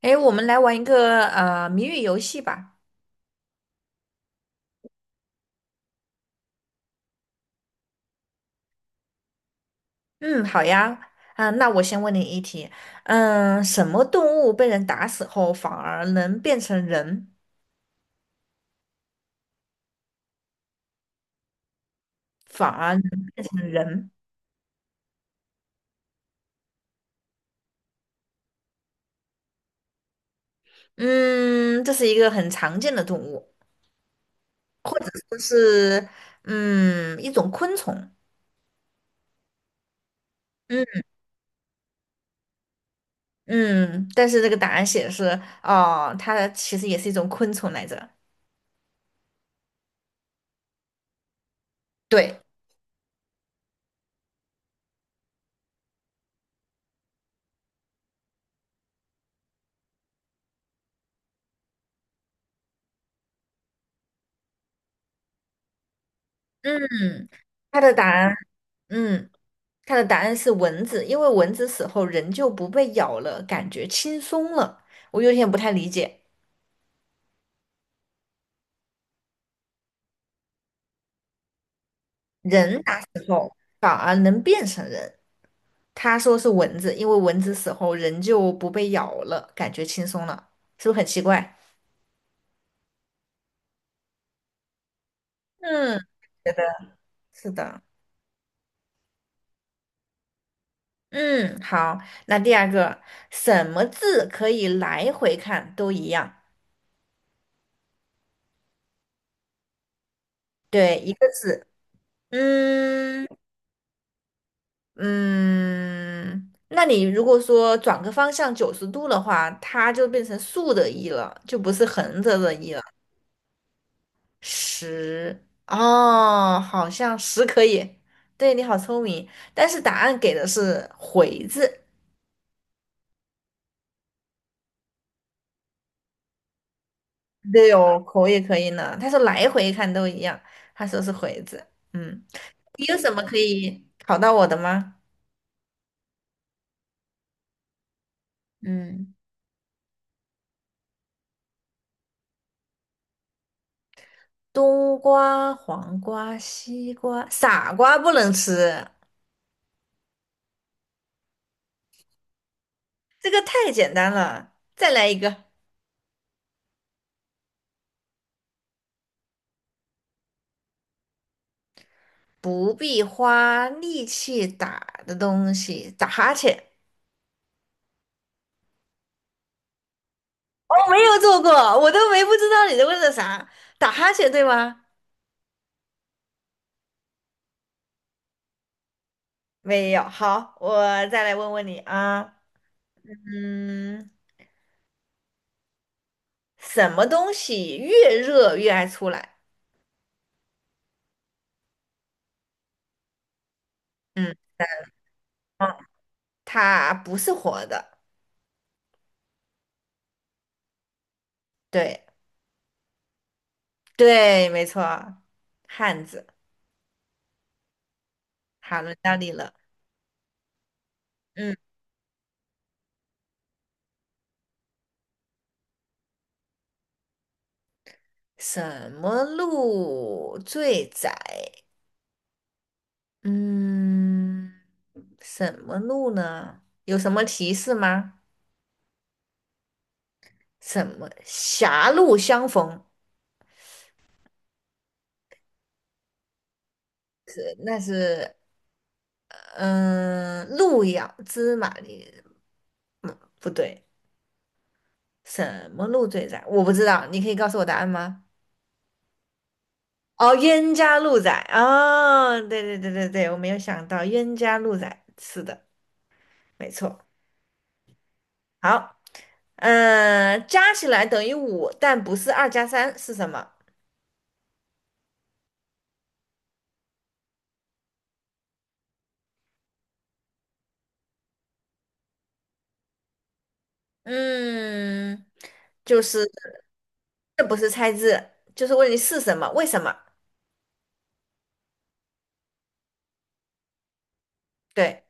哎，我们来玩一个谜语游戏吧。嗯，好呀。啊，那我先问你一题。嗯，什么动物被人打死后反而能变成人？反而能变成人？嗯，这是一个很常见的动物，或者说是一种昆虫。嗯嗯，但是这个答案写的是哦，它其实也是一种昆虫来着。对，嗯，它的答案，嗯。它的答案是蚊子，因为蚊子死后人就不被咬了，感觉轻松了。我有点不太理解，人哪反而能变成人？他说是蚊子，因为蚊子死后人就不被咬了，感觉轻松了，是不是很奇怪？嗯，觉得是的。嗯，好，那第二个，什么字可以来回看都一样？对，一个字。嗯。嗯，那你如果说转个方向90度的话，它就变成竖的一”了，就不是横着的一”了。十，哦，好像十可以。对，你好聪明，但是答案给的是回字。对哦，口也可以呢。他说来回看都一样，他说是回字。嗯，你有什么可以考到我的吗？嗯，冬瓜、黄瓜、西瓜，傻瓜不能吃。这个太简单了，再来一个，不必花力气打的东西，打哈欠。我没有做过，我都没不知道你在问的啥，打哈欠对吗？没有，好，我再来问问你啊，嗯，什么东西越热越爱出来？嗯嗯，它不是活的，对对，没错，汉子。好，轮到你了，嗯，什么路最窄？嗯，什么路呢？有什么提示吗？什么狭路相逢？是，那是嗯，路遥知马力，不对，什么路最窄？我不知道，你可以告诉我答案吗？哦，冤家路窄哦，对对对对对，我没有想到冤家路窄，是的，没错。好，嗯、加起来等于五，但不是二加三，是什么？嗯，就是这不是猜字，就是问你是什么，为什么？对，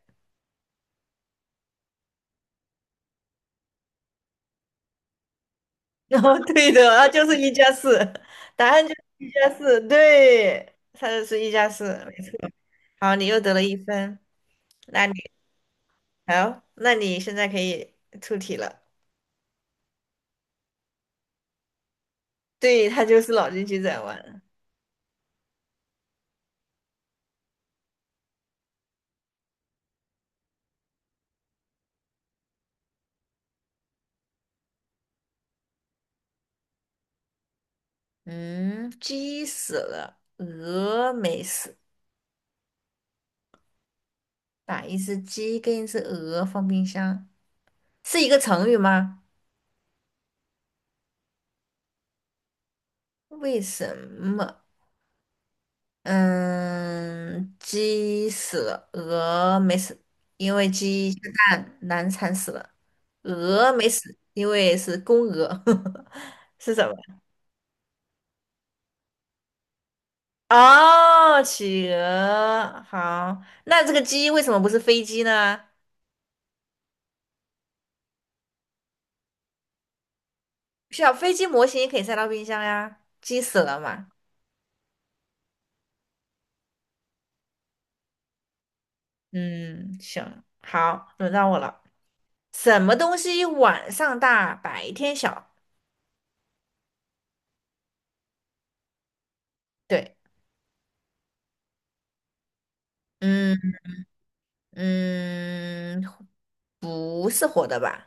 然后对的，那就是一加四，答案就是一加四，对，它就是一加四，没错。好，你又得了一分，那你好，那你现在可以出题了。对，它就是脑筋急转弯。嗯，鸡死了，鹅没死，把一只鸡跟一只鹅放冰箱，是一个成语吗？为什么？嗯，鸡死了，鹅没死，因为鸡下蛋难产死了。鹅没死，因为是公鹅，是什么？哦，企鹅。好，那这个鸡为什么不是飞机呢？小飞机模型也可以塞到冰箱呀，鸡死了嘛。嗯，行，好，轮到我了。什么东西晚上大，白天小？对，嗯。嗯，不是活的吧？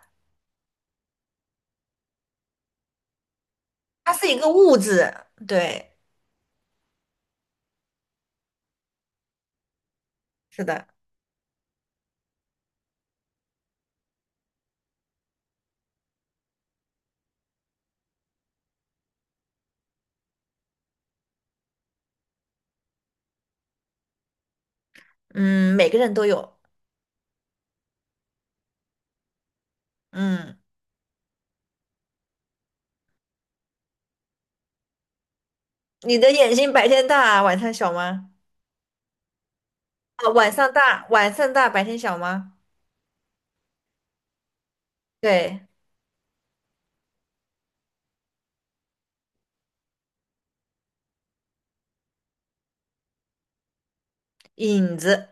它是一个物质，对，是的，嗯，每个人都有，嗯，你的眼睛白天大，晚上小吗？啊，晚上大，白天小吗？对，影子。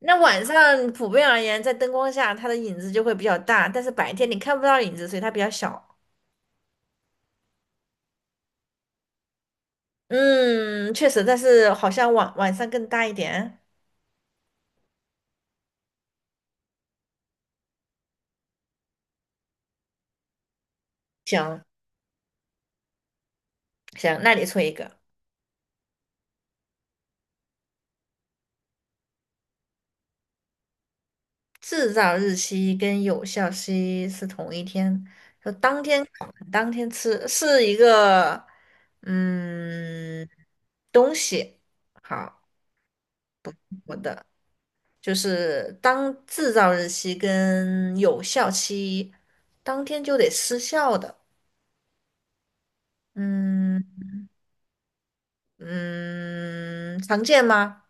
那晚上普遍而言，在灯光下，它的影子就会比较大，但是白天你看不到影子，所以它比较小。嗯，确实，但是好像晚上更大一点。行行，那你出一个。制造日期跟有效期是同一天，就当天烤当天吃，是一个嗯东西。好，我的就是当制造日期跟有效期当天就得失效的。嗯嗯，常见吗？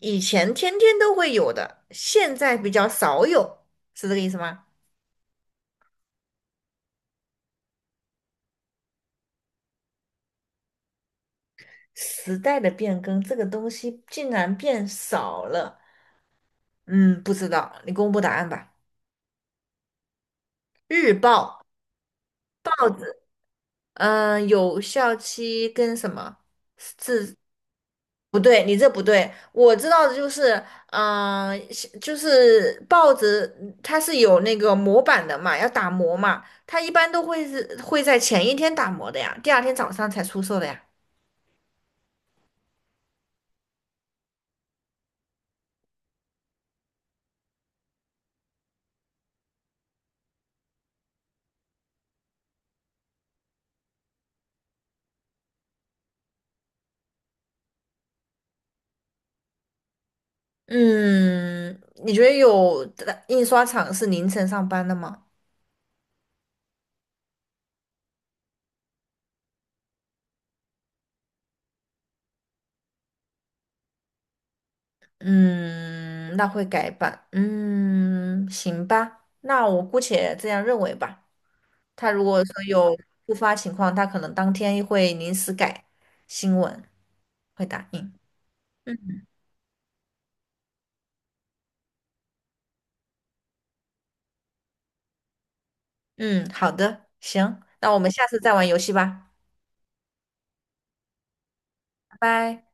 以前天天都会有的，现在比较少有，是这个意思吗？时代的变更，这个东西竟然变少了。嗯，不知道，你公布答案吧。日报、报纸，嗯、有效期跟什么？是不对，你这不对。我知道的就是，嗯、就是报纸它是有那个模板的嘛，要打磨嘛，它一般都会是会在前一天打磨的呀，第二天早上才出售的呀。嗯，你觉得有的印刷厂是凌晨上班的吗？嗯，那会改版。嗯，行吧，那我姑且这样认为吧。他如果说有突发情况，他可能当天会临时改新闻，会打印。嗯，好的，行，那我们下次再玩游戏吧，拜拜。